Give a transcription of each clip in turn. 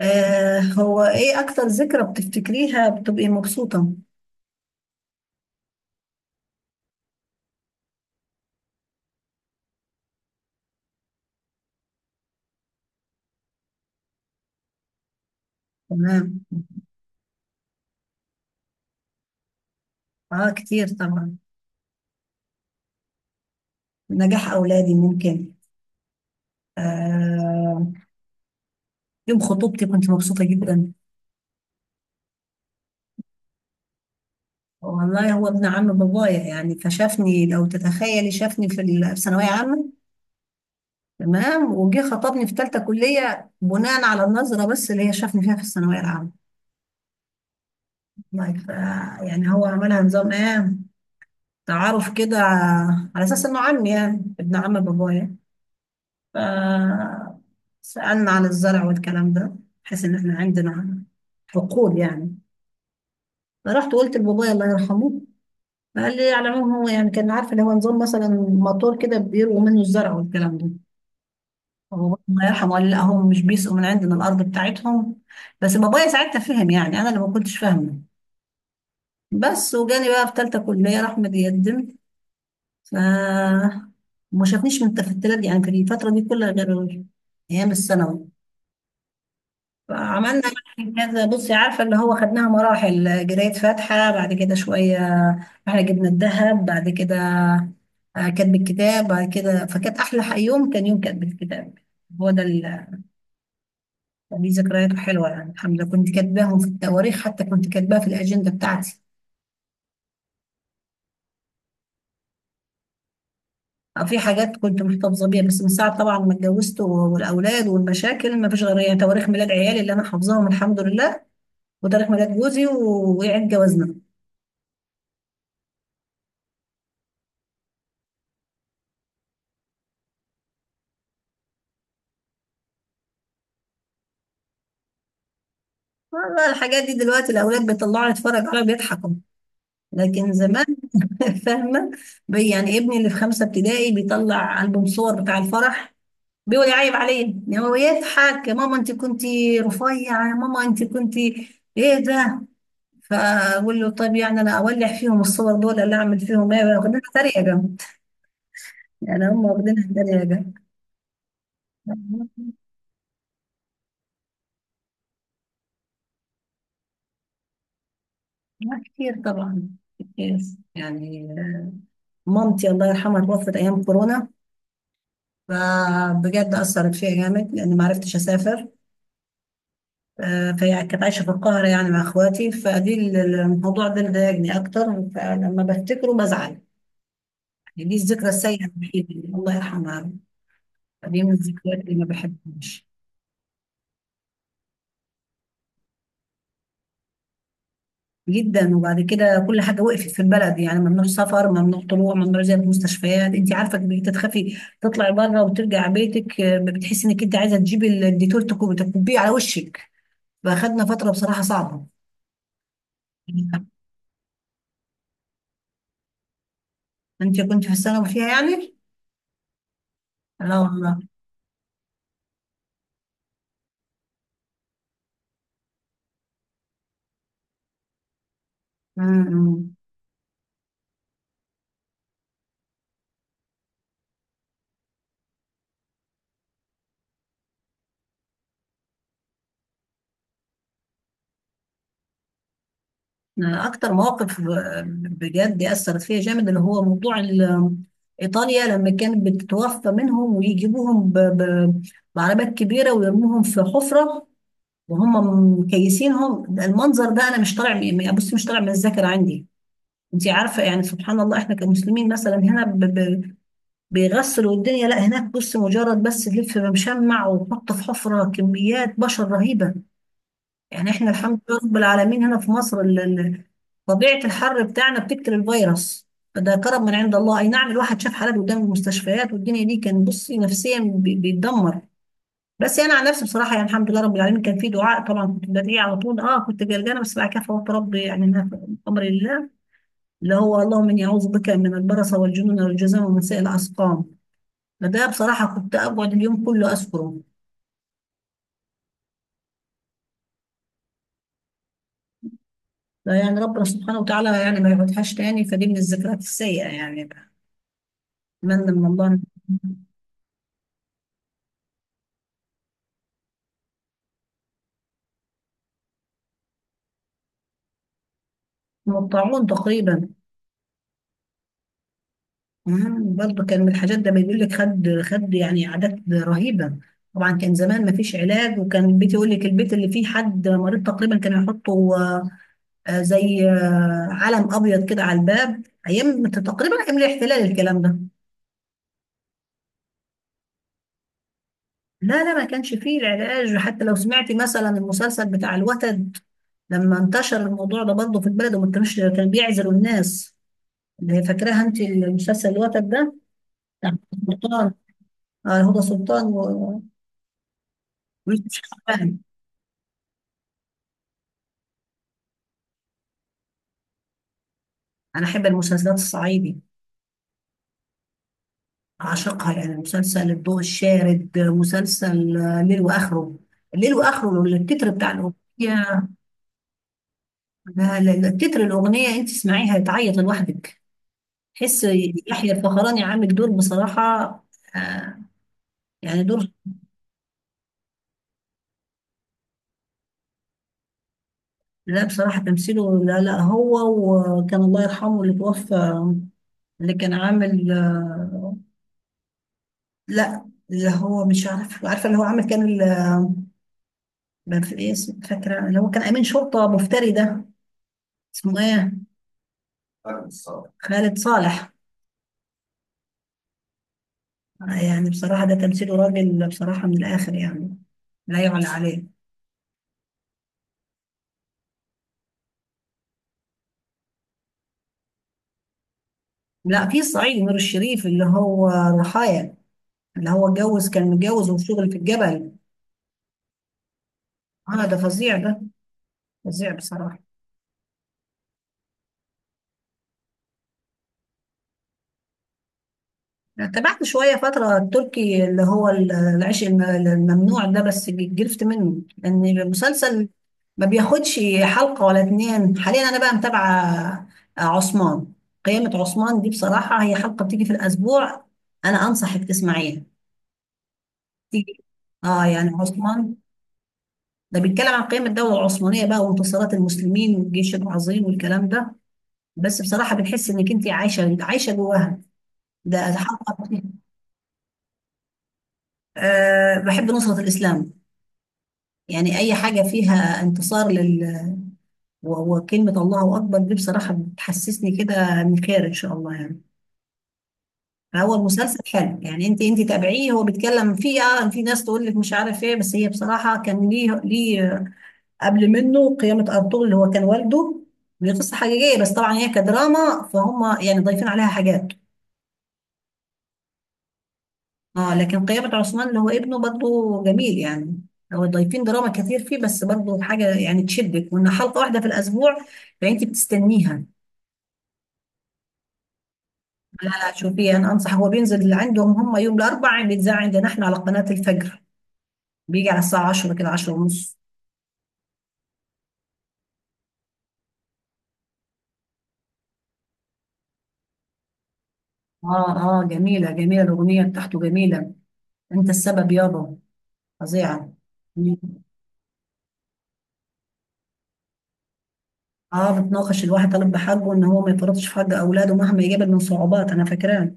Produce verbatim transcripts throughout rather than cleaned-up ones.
آه هو ايه اكتر ذكرى بتفتكريها بتبقي مبسوطة؟ تمام. اه، كتير طبعا. نجاح اولادي ممكن. آه. يوم خطوبتي كنت مبسوطة جدا. والله هو ابن عم بابايا، يعني فشافني، لو تتخيلي، شافني في ال- في ثانوية عامة. تمام، وجه خطبني في ثالثة كلية بناء على النظرة بس اللي هي شافني فيها في الثانوية العامة. والله ف- يعني هو عملها نظام ايه، تعارف كده، على اساس انه عمي يعني ابن عم بابايا. فسألنا عن الزرع والكلام ده، بحيث إن إحنا عندنا حقول يعني. فرحت قلت لبابايا الله يرحمه، فقال لي على العموم هو يعني كان عارف اللي هو نظام مثلا موتور كده بيرووا منه الزرع والكلام ده. فبابايا الله يرحمه قال لي لا، هم مش بيسقوا من عندنا الأرض بتاعتهم. بس بابايا ساعتها فهم، يعني أنا اللي ما كنتش فاهمة. بس وجالي بقى في تالتة كلية راح متقدم. ف ما شافنيش من التفتلات دي، يعني في الفترة دي كلها، غير أيام الثانوي. عملنا يعني كذا، بصي، عارفه اللي هو خدناها مراحل، جرايه فاتحه بعد كده شويه، احنا جبنا الذهب بعد كده. آه، كتب الكتاب بعد كده، فكانت احلى ح- يوم كان يوم كتب الكتاب. هو ده اللي ليه ذكرياته حلوه. يعني الحمد لله كنت كاتباهم في التواريخ، حتى كنت كاتباها في الاجنده بتاعتي. آه، في حاجات كنت محتفظه بيها، بس من ساعه طبعا ما اتجوزت و- والاولاد والمشاكل، ما فيش غير يعني تواريخ ميلاد عيالي اللي انا حافظاهم الحمد لله، وتاريخ ميلاد جوزي و- وعيد جوازنا. والله الحاجات دي دلوقتي الأولاد بيطلعوا يتفرج عليها بيضحكوا، لكن زمان… فاهمة. بي- يعني ابني اللي في خمسة ابتدائي بيطلع ألبوم صور بتاع الفرح بيقول يعيب عليه، يعني هو يضحك: يا ماما انت كنتي رفيعة، يا ماما انت كنتي ايه ده! فأقول له طب يعني أنا أولع فيهم الصور دول ولا أعمل فيهم ايه؟ واخدينها تريقة جنب، يعني هم واخدينها تريقة جنب. كتير طبعا، كتير. يعني مامتي الله يرحمها توفت أيام كورونا، فبجد أثرت فيا جامد لأن ما عرفتش أسافر. آه، فهي كانت عايشة في القاهرة يعني مع إخواتي، فدي ال- ال- الموضوع ده اللي ضايقني أكتر. فلما بفتكره بزعل، يعني دي الذكرى السيئة الوحيدة، اللي الله يرحمها. دي من الذكريات اللي ما بحبهاش. جدا. وبعد كده كل حاجة وقفت في البلد، يعني ممنوع سفر، ممنوع طلوع، ممنوع زيارة مستشفيات. أنت عارفة، بقيت تخافي تطلعي بره وترجع بيتك، آه، بتحسي إنك أنت عايزة تجيبي الديتول تكو- تكبيه على وشك. فأخدنا فترة بصراحة صعبة. انت كنت في الثانوي فيها يعني؟ لا والله. امم. أنا اكتر مواقف آه، بجد اثرت فيها جامد اللي هو موضوع ال- ايطاليا لما كانت بتتوفى منهم ويجيبوهم ب- ب- بعربات كبيره ويرموهم في حفره، وهم مكيسينهم. ده المنظر ده انا مش طالع من- بصي مش طالع من الذاكره عندي. انت عارفه يعني سبحان الله، احنا كمسلمين مثلا هنا ب- ب- بيغسلوا الدنيا. لا، هناك بص مجرد بس تلف بمشمع وتحط في حفره، كميات بشر رهيبه. يعني احنا الحمد لله رب العالمين هنا في مصر ال- ال- طبيعة الحر بتاعنا بتقتل الفيروس، فده كرم من عند الله. اي نعم الواحد شاف حالات قدام المستشفيات، والدنيا دي كان بصي نفسيا بي- بيتدمر. بس انا عن نفسي بصراحة يعني الحمد لله رب العالمين، كان في دعاء طبعا كنت بدعي على طول. اه كنت قلقانة، بس بعد كده فوت ربي يعني إنها في امر الله. اللي هو: اللهم اني اعوذ بك من البرص والجنون والجذام ومن سائر الاسقام. فده بصراحة كنت اقعد اليوم كله اذكره. لا، يعني ربنا سبحانه وتعالى يعني ما يقعدهاش تاني. فدي من الذكريات السيئة يعني. اتمنى من الله إن- من الطاعون تقريبا. مم، برضه كان من الحاجات ده بيقول لك خد خد، يعني اعداد رهيبه. طبعا كان زمان ما فيش علاج، وكان بيتي يقول لك البيت اللي فيه حد مريض تقريبا كانوا يحطوا آه، آه، زي آه، علم ابيض كده على الباب. ايام تقريبا ايام الاحتلال الكلام ده. لا لا، ما كانش فيه العلاج. حتى لو سمعتي مثلا المسلسل بتاع الوتد، لما انتشر الموضوع ده برضه في البلد وما كانوش، كان بيعزلوا الناس. اللي هي فاكراها انت، المسلسل الوتد ده، بتاع آه، هدى سلطان و ويوسف شعبان. أنا أحب المسلسلات الصعيدي، أعشقها. يعني مسلسل الضوء الشارد، مسلسل آه، ليل وآخره. ليل وآخره التتر بتاع الأغنية، لا- لا- لا، التتر الأغنية أنت تسمعيها تعيط لوحدك، تحس. يحيى الفخراني عامل دور بصراحة، آه، يعني دور… لا بصراحة تمثيله، لا لا، هو. وكان الله يرحمه اللي توفى، اللي كان عامل آه… لا اللي هو مش عارف، عارفة اللي هو عامل، كان ما في ايه اسم- فاكره اللي هو كان امين شرطه مفتري ده، اسمه ايه، خالد صالح. يعني بصراحه ده تمثيله راجل بصراحه من الاخر يعني، لا يعلى عليه. لا في الصعيدي نور الشريف اللي هو ضحايا، اللي هو اتجوز، كان متجوز وشغل في الجبل. اه ده فظيع ده، فظيع بصراحه. تابعت شوية فترة التركي اللي هو ال- العيش الم- الممنوع ده، بس جلفت منه لأن المسلسل ما بياخدش حلقة ولا اتنين. حاليا أنا بقى متابعة عثمان، قيامة عثمان دي. بصراحة هي حلقة بتيجي في الأسبوع، أنا أنصحك تسمعيها، تيجي آه يعني. عثمان ده بيتكلم عن قيام الدولة العثمانية بقى، وانتصارات المسلمين والجيش العظيم والكلام ده. بس بصراحة بتحس إنك أنت عايشة عايشة جواها. ده حلقة. آه بحب نصرة الإسلام، يعني اي حاجه فيها انتصار لل… و- وكلمه الله اكبر دي بصراحه بتحسسني كده من خير ان شاء الله يعني. فهو المسلسل حلو يعني، انت انت تابعيه. هو بيتكلم فيه اه، في ناس تقول لك مش عارف ايه، بس هي بصراحه كان ليه ليه قبل منه قيامه ارطغرل اللي هو كان والده. دي قصه حقيقيه بس طبعا هي كدراما، فهم يعني ضايفين عليها حاجات. اه لكن قيامه عثمان اللي هو ابنه برضه جميل يعني. هو ضايفين دراما كتير فيه، بس برضه حاجه يعني تشدك، وان حلقه واحده في الاسبوع فانت بتستنيها. شوفي انا انصح، هو بينزل عندهم هم يوم الاربعاء، بيتذاع عندنا احنا على قناة الفجر، بيجي على الساعة عشرة كده، عشرة ونص. اه اه، جميلة جميلة، الأغنية بتاعته جميلة، انت السبب يابا، فظيعة. مم. اه بتناقش الواحد طالب بحقه ان هو ما يفرطش في حق اولاده مهما يقابل من صعوبات، انا فاكراه.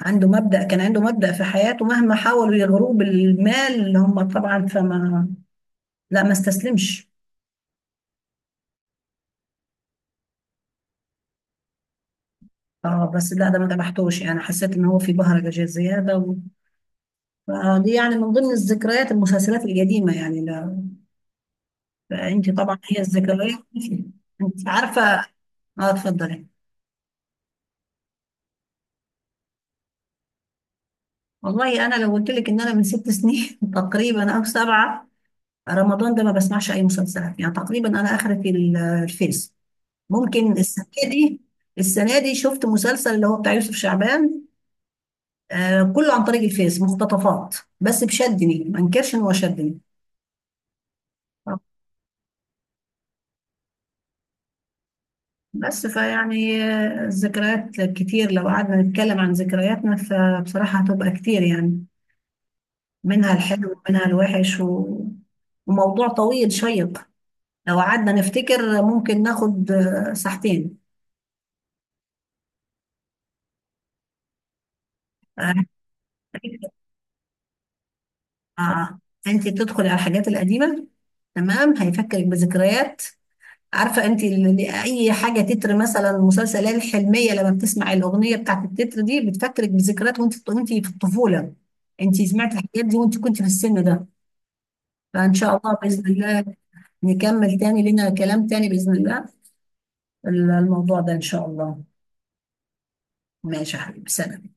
عنده مبدأ، كان عنده مبدأ في حياته، مهما حاولوا يغروه بالمال اللي هم طبعا فما… لا ما استسلمش. اه بس لا، ده ما تبعتوش، يعني حسيت ان هو في بهرجة زيادة. آه، دي يعني من ضمن الذكريات المسلسلات القديمة، يعني لا. فأنت طبعا هي الذكريات. أنت عارفة. اه اتفضلي. والله أنا لو قلت لك إن أنا من ست سنين تقريبا أو سبعة، رمضان ده ما بسمعش أي مسلسلات يعني تقريبا. أنا آخرة في ال- الفيس. ممكن السنة دي السنة دي شفت مسلسل اللي هو بتاع يوسف شعبان، آه كله عن طريق الفيس مقتطفات، بس بشدني، ما انكرش إن هو شدني. بس فيعني آه، الذكريات كتير، لو قعدنا نتكلم عن ذكرياتنا فبصراحة هتبقى كتير يعني، منها الحلو ومنها الوحش، و... وموضوع طويل شيق. لو قعدنا نفتكر ممكن ناخد آه، ساعتين. آه، آه، انت تدخلي على الحاجات القديمة، تمام، هيفكرك بذكريات. عارفه انت ال- اي حاجه تتر مثلا المسلسلات الحلميه، لما بتسمع الاغنيه بتاعت التتر دي بتفكرك بذكريات وانت وانت في الطفوله، انت سمعت الحاجات دي وانت كنت في السن ده. فان شاء الله باذن الله نكمل تاني، لنا كلام تاني باذن الله، ال- الموضوع ده ان شاء الله. ماشي يا حبيبي، سلام.